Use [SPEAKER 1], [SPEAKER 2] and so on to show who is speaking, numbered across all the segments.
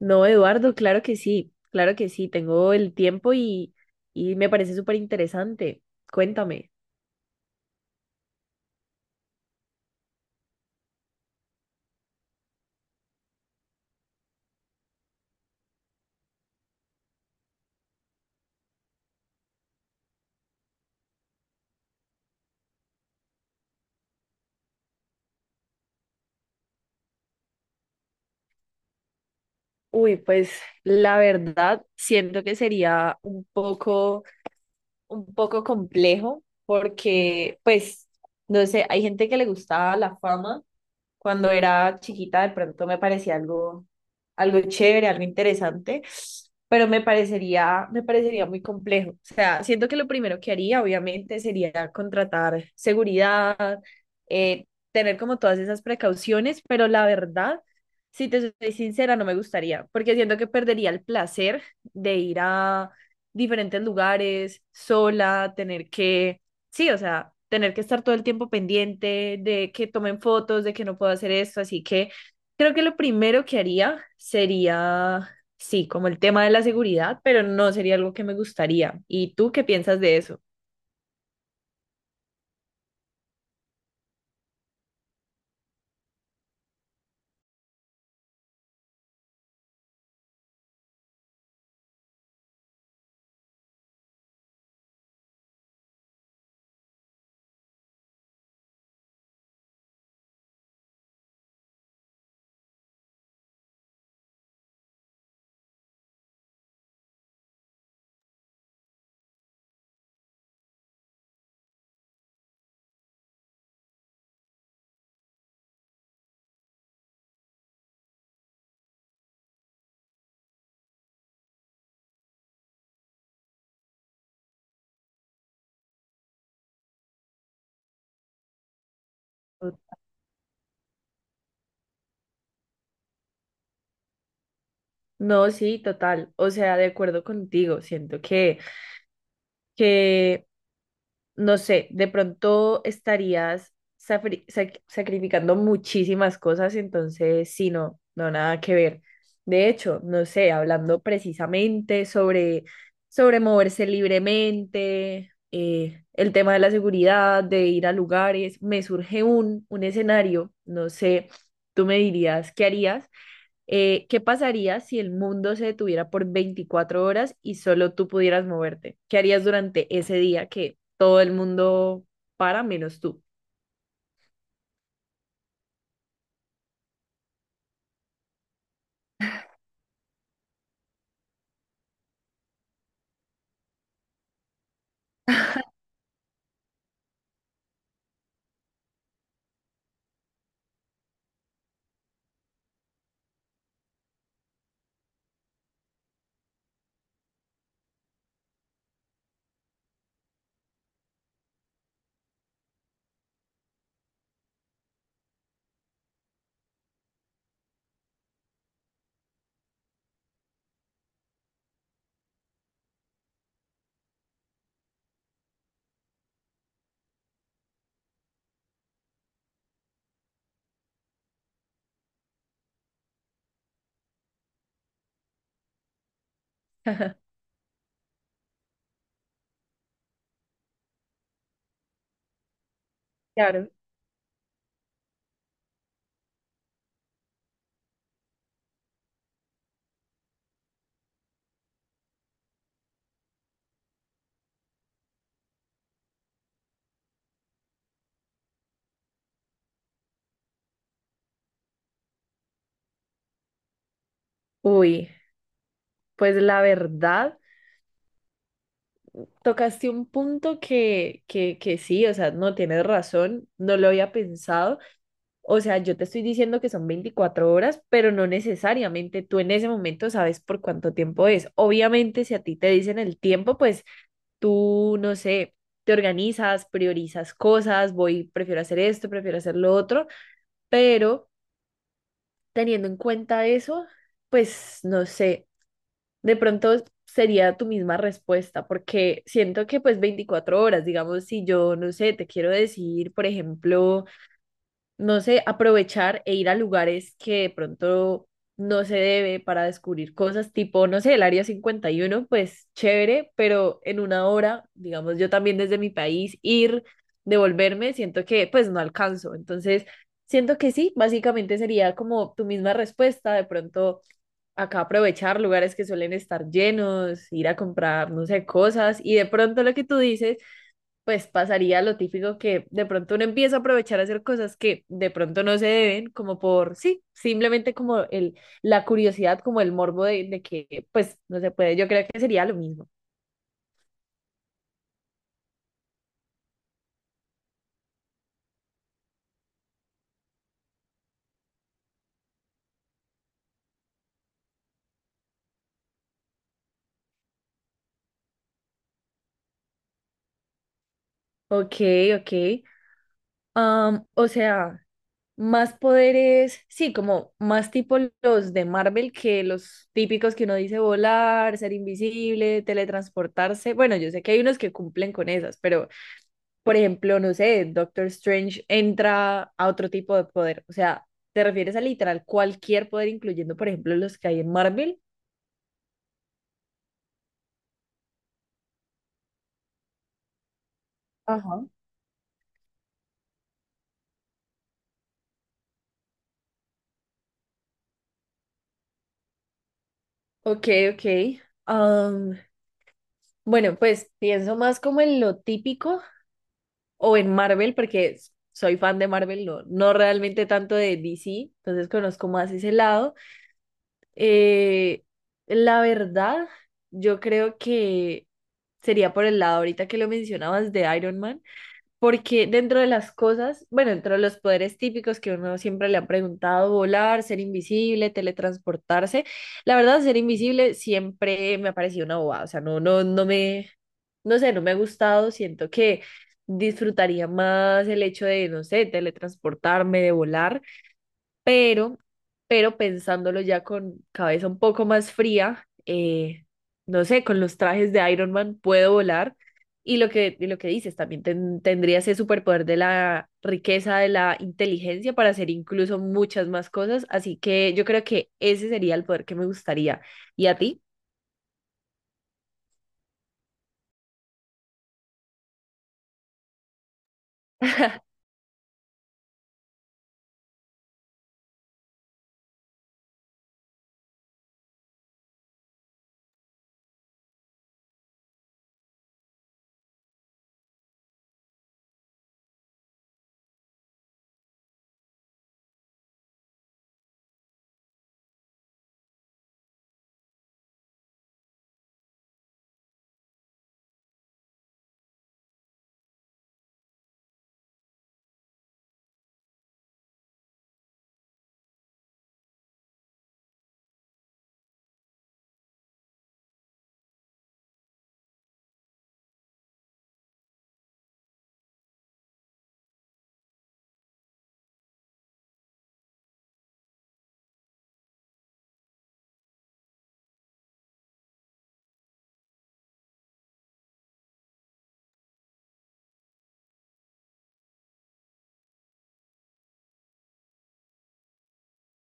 [SPEAKER 1] No, Eduardo, claro que sí, tengo el tiempo y me parece súper interesante. Cuéntame. Uy, pues la verdad siento que sería un poco complejo porque, pues, no sé, hay gente que le gusta la fama. Cuando era chiquita, de pronto me parecía algo chévere, algo interesante, pero me parecería muy complejo. O sea, siento que lo primero que haría, obviamente, sería contratar seguridad, eh, tener como todas esas precauciones, pero la verdad, si te soy sincera, no me gustaría, porque siento que perdería el placer de ir a diferentes lugares sola, tener que... Sí, o sea, tener que estar todo el tiempo pendiente de que tomen fotos, de que no puedo hacer esto, así que creo que lo primero que haría sería, sí, como el tema de la seguridad, pero no sería algo que me gustaría. ¿Y tú qué piensas de eso? No, sí, total. O sea, de acuerdo contigo, siento que no sé, de pronto estarías sacrificando muchísimas cosas, entonces sí, no, no, nada que ver. De hecho, no sé, hablando precisamente sobre, sobre moverse libremente, el tema de la seguridad, de ir a lugares, me surge un escenario, no sé, tú me dirías, ¿qué harías? ¿qué pasaría si el mundo se detuviera por 24 horas y solo tú pudieras moverte? ¿Qué harías durante ese día que todo el mundo para menos tú? Claro. Uy, pues la verdad, tocaste un punto que sí, o sea, no tienes razón, no lo había pensado. O sea, yo te estoy diciendo que son 24 horas, pero no necesariamente tú en ese momento sabes por cuánto tiempo es. Obviamente, si a ti te dicen el tiempo, pues tú, no sé, te organizas, priorizas cosas, voy, prefiero hacer esto, prefiero hacer lo otro, pero teniendo en cuenta eso, pues no sé, de pronto sería tu misma respuesta, porque siento que pues 24 horas, digamos, si yo, no sé, te quiero decir, por ejemplo, no sé, aprovechar e ir a lugares que de pronto no se debe para descubrir cosas, tipo, no sé, el Área 51, pues chévere, pero en una hora, digamos, yo también desde mi país, ir, devolverme, siento que pues no alcanzo. Entonces, siento que sí, básicamente sería como tu misma respuesta, de pronto acá aprovechar lugares que suelen estar llenos, ir a comprar, no sé, cosas, y de pronto lo que tú dices, pues pasaría lo típico, que de pronto uno empieza a aprovechar a hacer cosas que de pronto no se deben, como por, sí, simplemente como el, la curiosidad, como el morbo de que, pues, no se puede. Yo creo que sería lo mismo. Ok, ok. Am, o sea, más poderes, sí, como más tipo los de Marvel que los típicos que uno dice volar, ser invisible, teletransportarse. Bueno, yo sé que hay unos que cumplen con esas, pero por ejemplo, no sé, Doctor Strange entra a otro tipo de poder. O sea, ¿te refieres a literal cualquier poder, incluyendo, por ejemplo, los que hay en Marvel? Ajá. Ok, ok. Am, bueno, pues pienso más como en lo típico o en Marvel, porque soy fan de Marvel, no, no realmente tanto de DC, entonces conozco más ese lado. Eh, la verdad, yo creo que sería por el lado ahorita que lo mencionabas de Iron Man. Porque dentro de las cosas, bueno, dentro de los poderes típicos que uno siempre le han preguntado, volar, ser invisible, teletransportarse, la verdad, ser invisible siempre me ha parecido una bobada, o sea, no sé, no me ha gustado, siento que disfrutaría más el hecho de, no sé, teletransportarme, de volar, pero, pero pensándolo ya con cabeza un poco más fría, no sé, con los trajes de Iron Man puedo volar. Y lo que dices, también tendría ese superpoder de la riqueza, de la inteligencia para hacer incluso muchas más cosas. Así que yo creo que ese sería el poder que me gustaría. ¿Y a ti?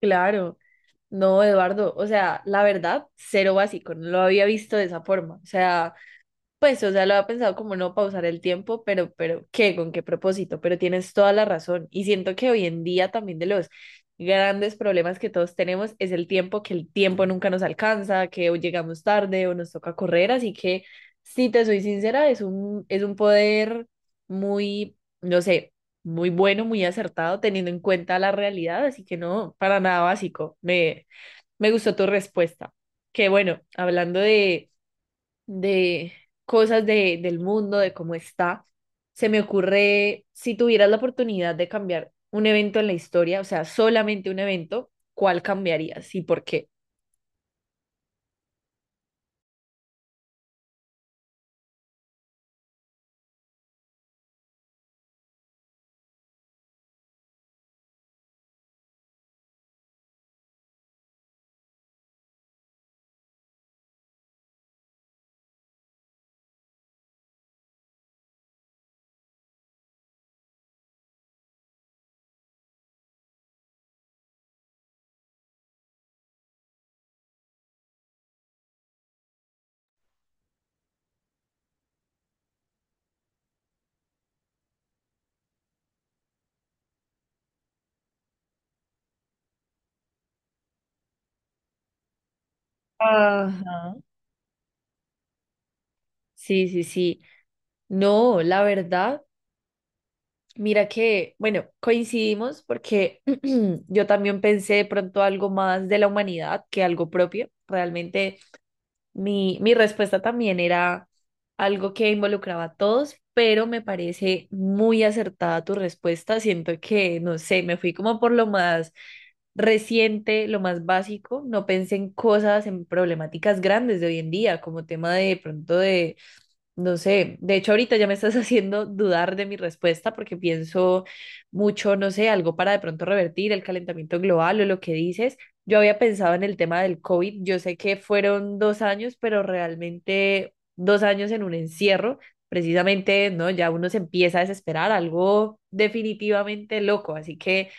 [SPEAKER 1] Claro, no, Eduardo. O sea, la verdad, cero básico. No lo había visto de esa forma. O sea... Pues, o sea, lo había pensado como no pausar el tiempo, pero, ¿qué? ¿Con qué propósito? Pero tienes toda la razón. Y siento que hoy en día también de los grandes problemas que todos tenemos es el tiempo, que el tiempo nunca nos alcanza, que o llegamos tarde o nos toca correr. Así que, si te soy sincera, es un poder muy, no sé, muy bueno, muy acertado, teniendo en cuenta la realidad. Así que no, para nada básico. Me gustó tu respuesta. Que bueno, hablando de cosas de, del mundo, de cómo está. Se me ocurre, si tuvieras la oportunidad de cambiar un evento en la historia, o sea, solamente un evento, ¿cuál cambiarías y por qué? Ajá. Sí, sí, sí. No, la verdad, mira que, bueno, coincidimos porque yo también pensé de pronto algo más de la humanidad que algo propio. Realmente mi respuesta también era algo que involucraba a todos, pero me parece muy acertada tu respuesta. Siento que, no sé, me fui como por lo más reciente, lo más básico. No pensé en cosas, en problemáticas grandes de hoy en día, como tema de pronto de no sé, de hecho ahorita ya me estás haciendo dudar de mi respuesta porque pienso mucho, no sé, algo para de pronto revertir el calentamiento global o lo que dices. Yo había pensado en el tema del COVID, yo sé que fueron 2 años, pero realmente 2 años en un encierro, precisamente, ¿no? Ya uno se empieza a desesperar, algo definitivamente loco, así que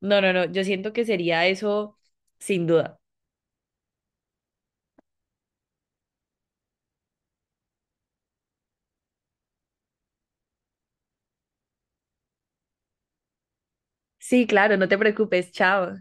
[SPEAKER 1] no, no, no, yo siento que sería eso sin duda. Sí, claro, no te preocupes, chao.